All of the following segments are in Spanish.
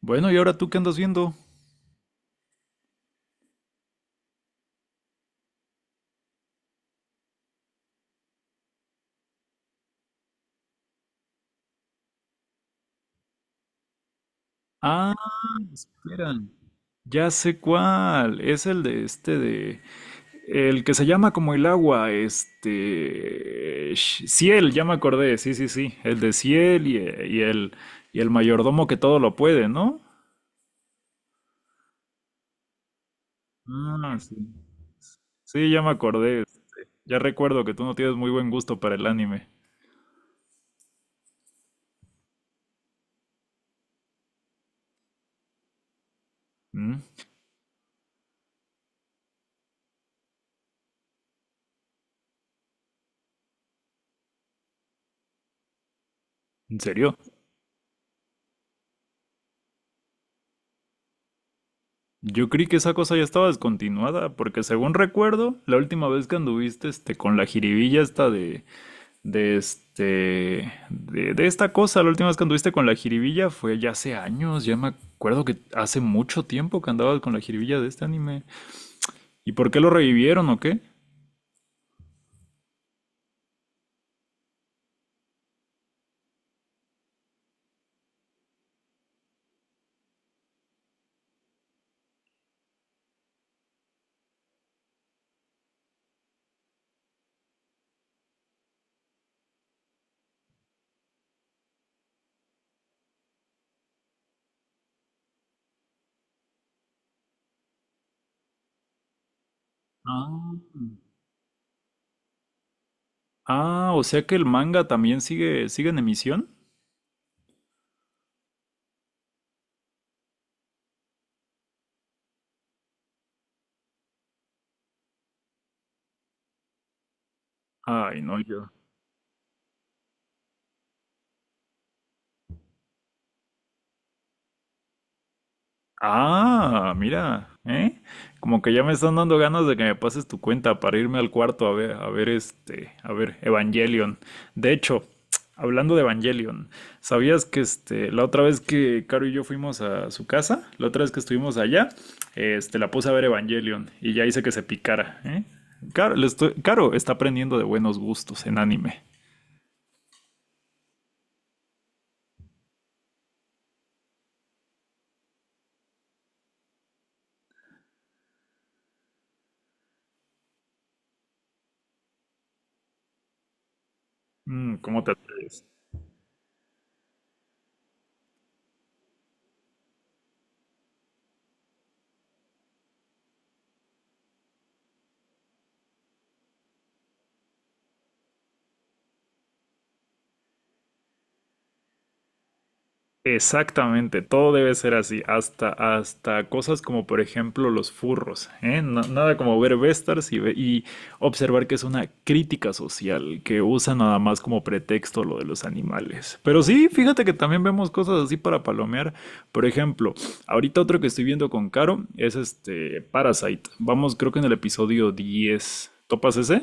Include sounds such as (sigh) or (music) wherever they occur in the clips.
Bueno, ¿y ahora tú qué andas viendo? Ah, espera. Ya sé cuál. Es el de de. El que se llama como el agua. Ciel, ya me acordé. Sí, sí, sí. El de Ciel y el. Y el mayordomo que todo lo puede, ¿no? Ah, sí. Sí, ya me acordé. Ya recuerdo que tú no tienes muy buen gusto para el anime. ¿Mm? ¿En serio? Yo creí que esa cosa ya estaba descontinuada, porque según recuerdo, la última vez que anduviste con la jiribilla esta de, de esta cosa, la última vez que anduviste con la jiribilla fue ya hace años, ya me acuerdo que hace mucho tiempo que andabas con la jiribilla de este anime. ¿Y por qué lo revivieron o qué? Ah, ah, o sea que el manga también sigue, sigue en emisión. Ay, no, yo. Ah, mira, ¿eh? Como que ya me están dando ganas de que me pases tu cuenta para irme al cuarto a ver, a ver a ver Evangelion. De hecho, (tsk) hablando de Evangelion, ¿sabías que la otra vez que Caro y yo fuimos a su casa, la otra vez que estuvimos allá, la puse a ver Evangelion y ya hice que se picara, ¿eh? Caro, Caro está aprendiendo de buenos gustos en anime. Mm, ¿cómo te atreves? Exactamente, todo debe ser así, hasta, hasta cosas como por ejemplo los furros, ¿eh? Nada como ver Vestars y observar que es una crítica social que usa nada más como pretexto lo de los animales. Pero sí, fíjate que también vemos cosas así para palomear. Por ejemplo, ahorita otro que estoy viendo con Caro es Parasite. Vamos, creo que en el episodio 10. ¿Topas ese?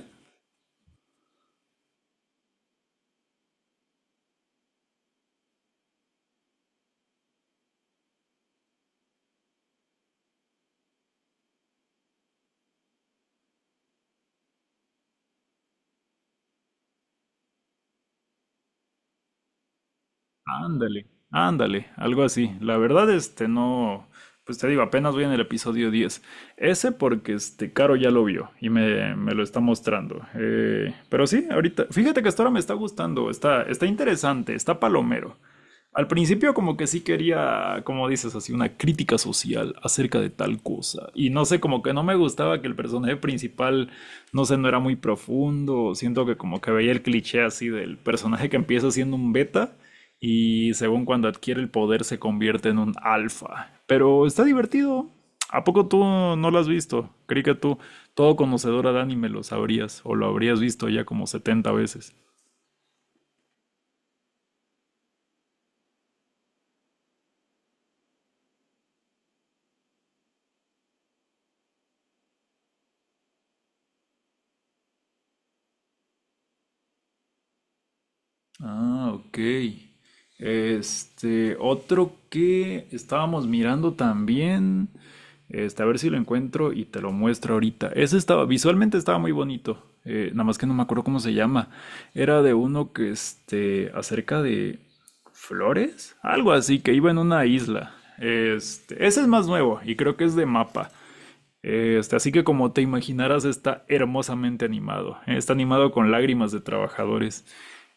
Ándale, ándale, algo así. La verdad, no, pues te digo, apenas voy en el episodio 10. Ese porque, Caro ya lo vio y me lo está mostrando. Pero sí, ahorita, fíjate que hasta ahora me está gustando, está, está interesante, está palomero. Al principio como que sí quería, como dices, así una crítica social acerca de tal cosa. Y no sé, como que no me gustaba que el personaje principal, no sé, no era muy profundo. Siento que como que veía el cliché así del personaje que empieza siendo un beta y según cuando adquiere el poder se convierte en un alfa. Pero está divertido. ¿A poco tú no lo has visto? Creí que tú, todo conocedora de anime, lo sabrías o lo habrías visto ya como 70 veces. Ah, ok. Otro que estábamos mirando también. A ver si lo encuentro y te lo muestro ahorita. Ese estaba, visualmente estaba muy bonito. Nada más que no me acuerdo cómo se llama. Era de uno que, acerca de flores, algo así, que iba en una isla. Ese es más nuevo y creo que es de mapa. Así que como te imaginarás, está hermosamente animado. Está animado con lágrimas de trabajadores.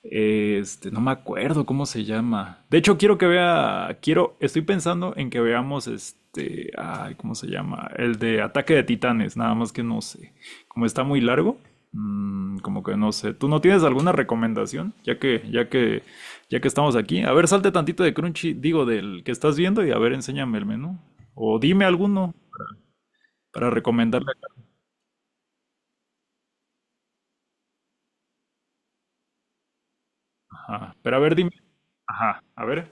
No me acuerdo cómo se llama. De hecho, quiero que vea, quiero, estoy pensando en que veamos ay, ¿cómo se llama? El de Ataque de Titanes, nada más que no sé. Como está muy largo, como que no sé. ¿Tú no tienes alguna recomendación? Ya que estamos aquí. A ver, salte tantito de Crunchy, digo, del que estás viendo y a ver, enséñame el menú. O dime alguno para recomendarle. Ajá. Pero a ver, dime. Ajá, a ver.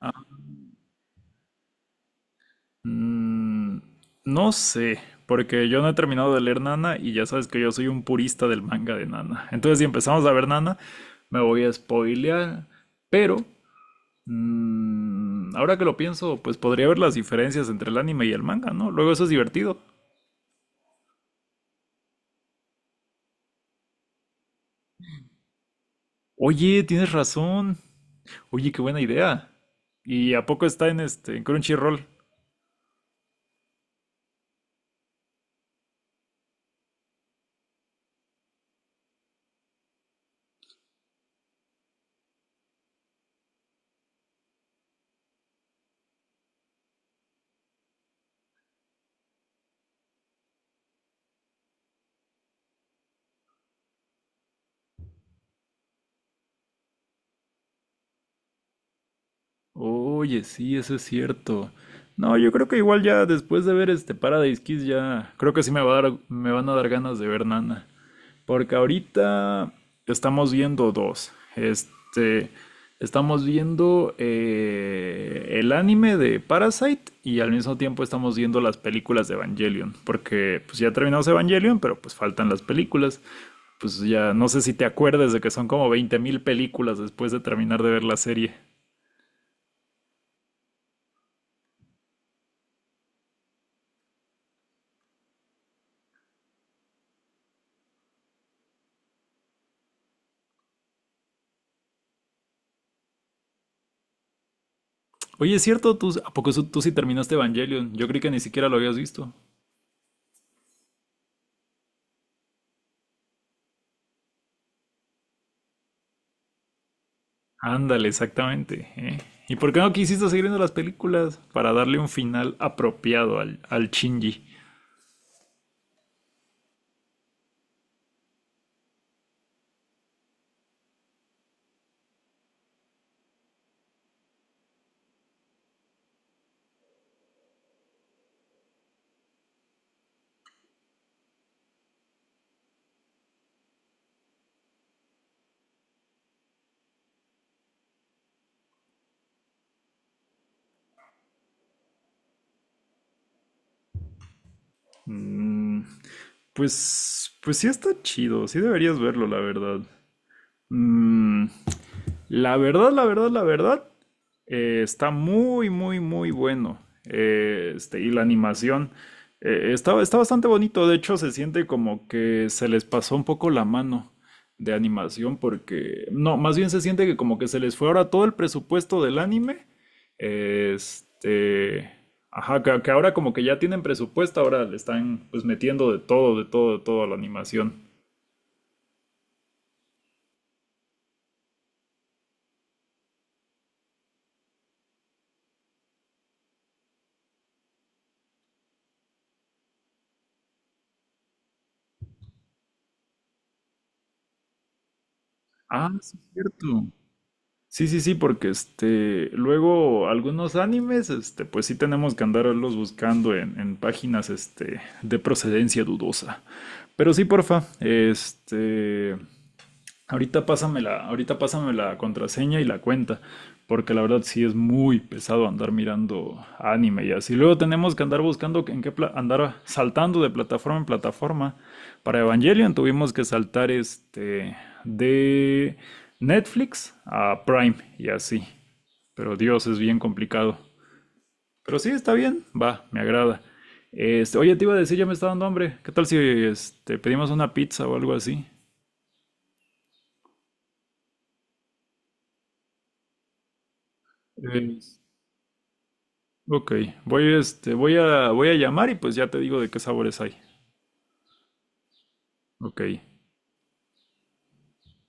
Ajá. Mm, no sé, porque yo no he terminado de leer Nana y ya sabes que yo soy un purista del manga de Nana. Entonces, si empezamos a ver Nana, me voy a spoilear. Pero, ahora que lo pienso, pues podría ver las diferencias entre el anime y el manga, ¿no? Luego eso es divertido. Oye, tienes razón. Oye, qué buena idea. ¿Y a poco está en en Crunchyroll? Oye, sí, eso es cierto. No, yo creo que igual ya después de ver Paradise Kiss ya creo que sí me va a dar, me van a dar ganas de ver Nana, porque ahorita estamos viendo dos. Estamos viendo el anime de Parasite y al mismo tiempo estamos viendo las películas de Evangelion, porque pues ya terminamos Evangelion, pero pues faltan las películas. Pues ya no sé si te acuerdas de que son como 20.000 películas después de terminar de ver la serie. Oye, es cierto, tú, ¿a poco tú sí terminaste Evangelion? Yo creí que ni siquiera lo habías visto. Ándale, exactamente. ¿Eh? ¿Y por qué no quisiste seguir viendo las películas? Para darle un final apropiado al Shinji. Mm, pues, sí está chido, sí deberías verlo, la verdad. Mm, la verdad, la verdad, la verdad, está muy, muy, muy bueno. Y la animación está, está bastante bonito. De hecho, se siente como que se les pasó un poco la mano de animación porque, no, más bien se siente que como que se les fue ahora todo el presupuesto del anime. Este, ajá, que ahora como que ya tienen presupuesto, ahora le están pues metiendo de todo, de todo, de todo a la animación. Ah, sí, es cierto. Sí, sí, sí, porque luego algunos animes, pues sí tenemos que andarlos buscando en páginas, de procedencia dudosa. Pero sí, porfa. Ahorita pásame la contraseña y la cuenta, porque la verdad sí es muy pesado andar mirando anime y así. Luego tenemos que andar buscando en qué andar saltando de plataforma en plataforma. Para Evangelion tuvimos que saltar de Netflix a Prime y así. Pero Dios, es bien complicado. Pero sí, está bien, va, me agrada. Oye, te iba a decir, ya me está dando hambre. ¿Qué tal si pedimos una pizza o algo así? Eh, Ok, voy, voy a llamar y pues ya te digo de qué sabores hay. Ok,